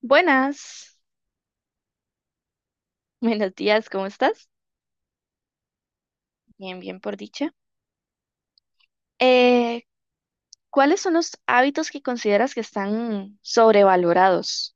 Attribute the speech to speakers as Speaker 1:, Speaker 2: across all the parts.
Speaker 1: Buenas, buenos días, ¿cómo estás? Bien, bien por dicha. Eh, ¿Cuáles son los hábitos que consideras que están sobrevalorados?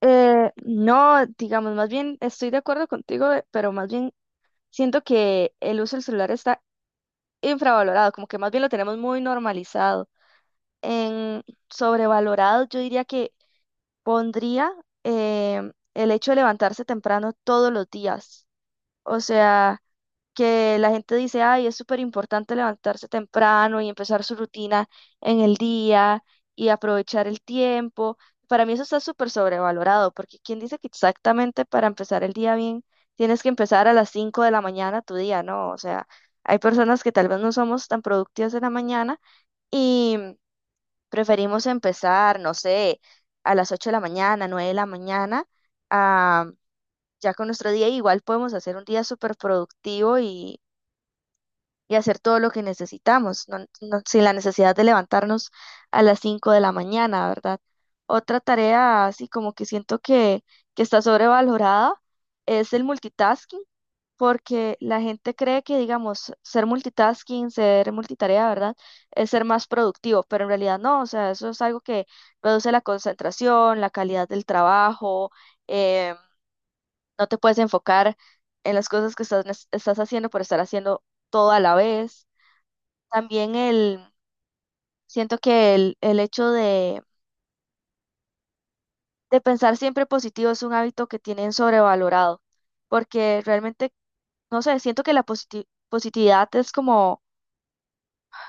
Speaker 1: No, digamos, más bien estoy de acuerdo contigo, pero más bien siento que el uso del celular está infravalorado, como que más bien lo tenemos muy normalizado. En sobrevalorado, yo diría que pondría el hecho de levantarse temprano todos los días. O sea, que la gente dice, ay, es súper importante levantarse temprano y empezar su rutina en el día y aprovechar el tiempo. Para mí eso está súper sobrevalorado, porque ¿quién dice que exactamente para empezar el día bien tienes que empezar a las 5 de la mañana tu día, ¿no? O sea, hay personas que tal vez no somos tan productivas en la mañana y preferimos empezar, no sé, a las 8 de la mañana, 9 de la mañana, ah, ya con nuestro día igual podemos hacer un día súper productivo y hacer todo lo que necesitamos, sin la necesidad de levantarnos a las 5 de la mañana, ¿verdad? Otra tarea, así como que siento que está sobrevalorada, es el multitasking, porque la gente cree que, digamos, ser multitasking, ser multitarea, ¿verdad? Es ser más productivo, pero en realidad no, o sea, eso es algo que reduce la concentración, la calidad del trabajo, eh, no te puedes enfocar en las cosas que estás haciendo por estar haciendo todo a la vez. También el, Siento que el hecho de pensar siempre positivo es un hábito que tienen sobrevalorado, porque realmente, no sé, siento que la positividad es como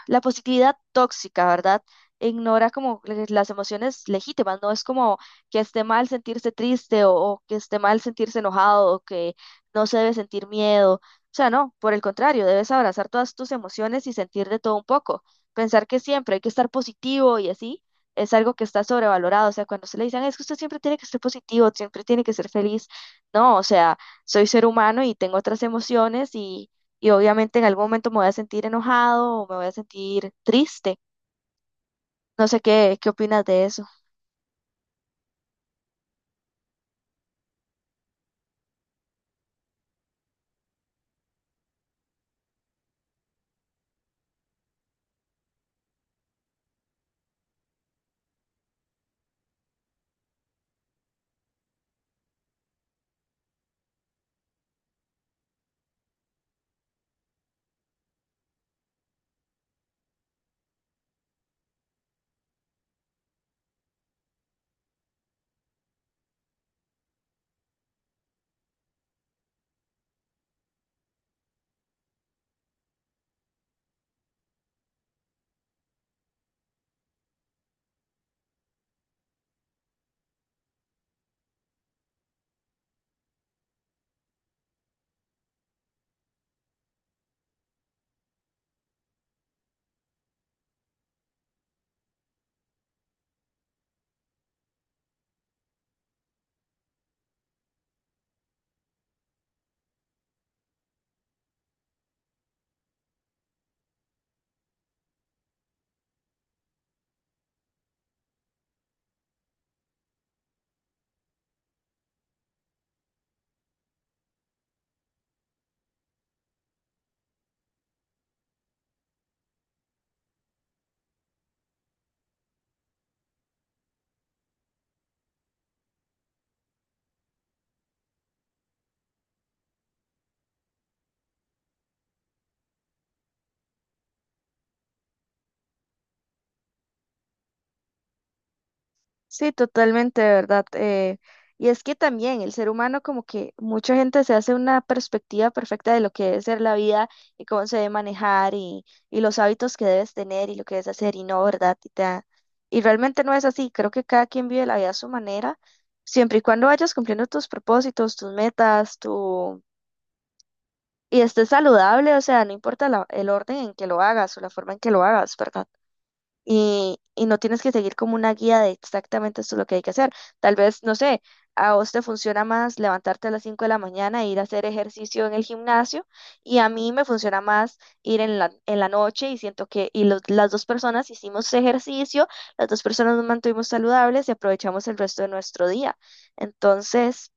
Speaker 1: la positividad tóxica, ¿verdad? Ignora como las emociones legítimas, no es como que esté mal sentirse triste o que esté mal sentirse enojado o que no se debe sentir miedo. O sea, no, por el contrario, debes abrazar todas tus emociones y sentir de todo un poco. Pensar que siempre hay que estar positivo y así es algo que está sobrevalorado. O sea, cuando se le dicen, es que usted siempre tiene que ser positivo, siempre tiene que ser feliz. No, o sea, soy ser humano y tengo otras emociones y obviamente en algún momento me voy a sentir enojado o me voy a sentir triste. No sé qué opinas de eso. Sí, totalmente, de verdad. Y es que también el ser humano, como que mucha gente se hace una perspectiva perfecta de lo que debe ser la vida y cómo se debe manejar y los hábitos que debes tener y lo que debes hacer y no, ¿verdad? Y realmente no es así. Creo que cada quien vive la vida a su manera, siempre y cuando vayas cumpliendo tus propósitos, tus metas, y esté saludable, o sea, no importa el orden en que lo hagas o la forma en que lo hagas, ¿verdad? Y no tienes que seguir como una guía de exactamente esto es lo que hay que hacer. Tal vez, no sé, a vos te funciona más levantarte a las 5 de la mañana e ir a hacer ejercicio en el gimnasio y a mí me funciona más ir en en la noche y siento que y las dos personas hicimos ejercicio, las dos personas nos mantuvimos saludables y aprovechamos el resto de nuestro día. Entonces...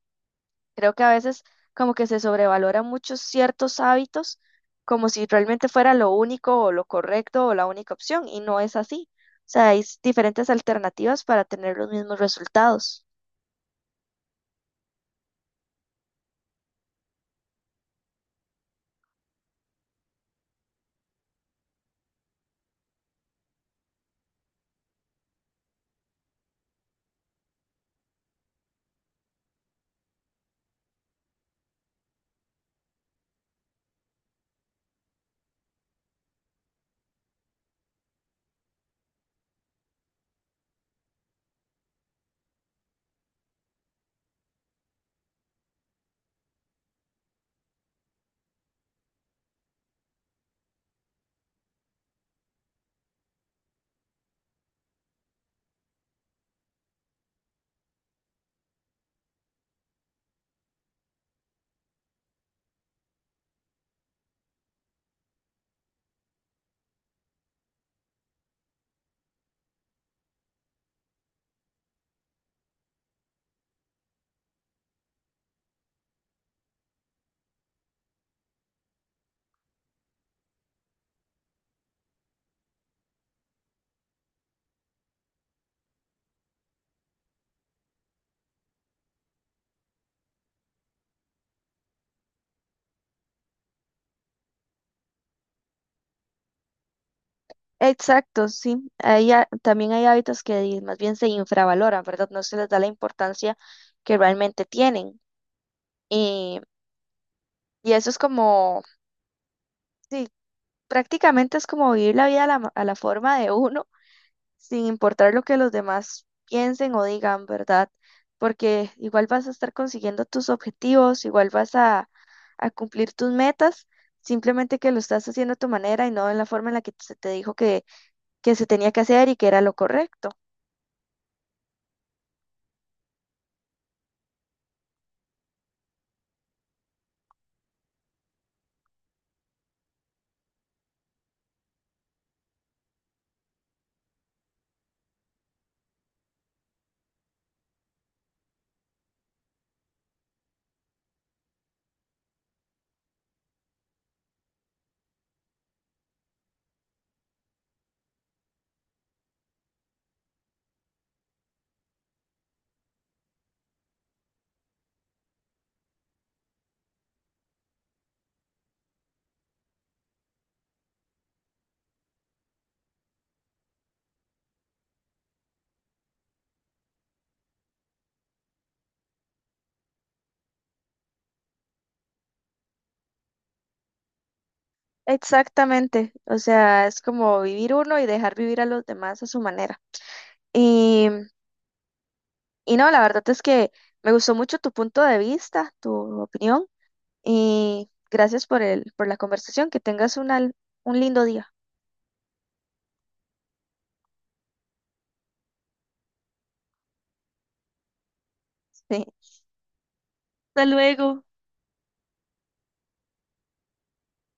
Speaker 1: Creo que a veces como que se sobrevalora muchos ciertos hábitos como si realmente fuera lo único o lo correcto o la única opción y no es así. O sea, hay diferentes alternativas para tener los mismos resultados. Exacto, sí. También hay hábitos que más bien se infravaloran, ¿verdad? No se les da la importancia que realmente tienen. Y, y eso es como, sí, prácticamente es como vivir la vida a a la forma de uno sin importar lo que los demás piensen o digan, ¿verdad? Porque igual vas a estar consiguiendo tus objetivos, a cumplir tus metas, simplemente que lo estás haciendo a tu manera y no en la forma en la que se te dijo que se tenía que hacer y que era lo correcto. Exactamente, o sea, es como vivir uno y dejar vivir a los demás a su manera. Y, y no, la verdad es que me gustó mucho tu punto de vista, tu opinión. Y gracias por por la conversación. Que tengas un al un lindo día. Hasta luego.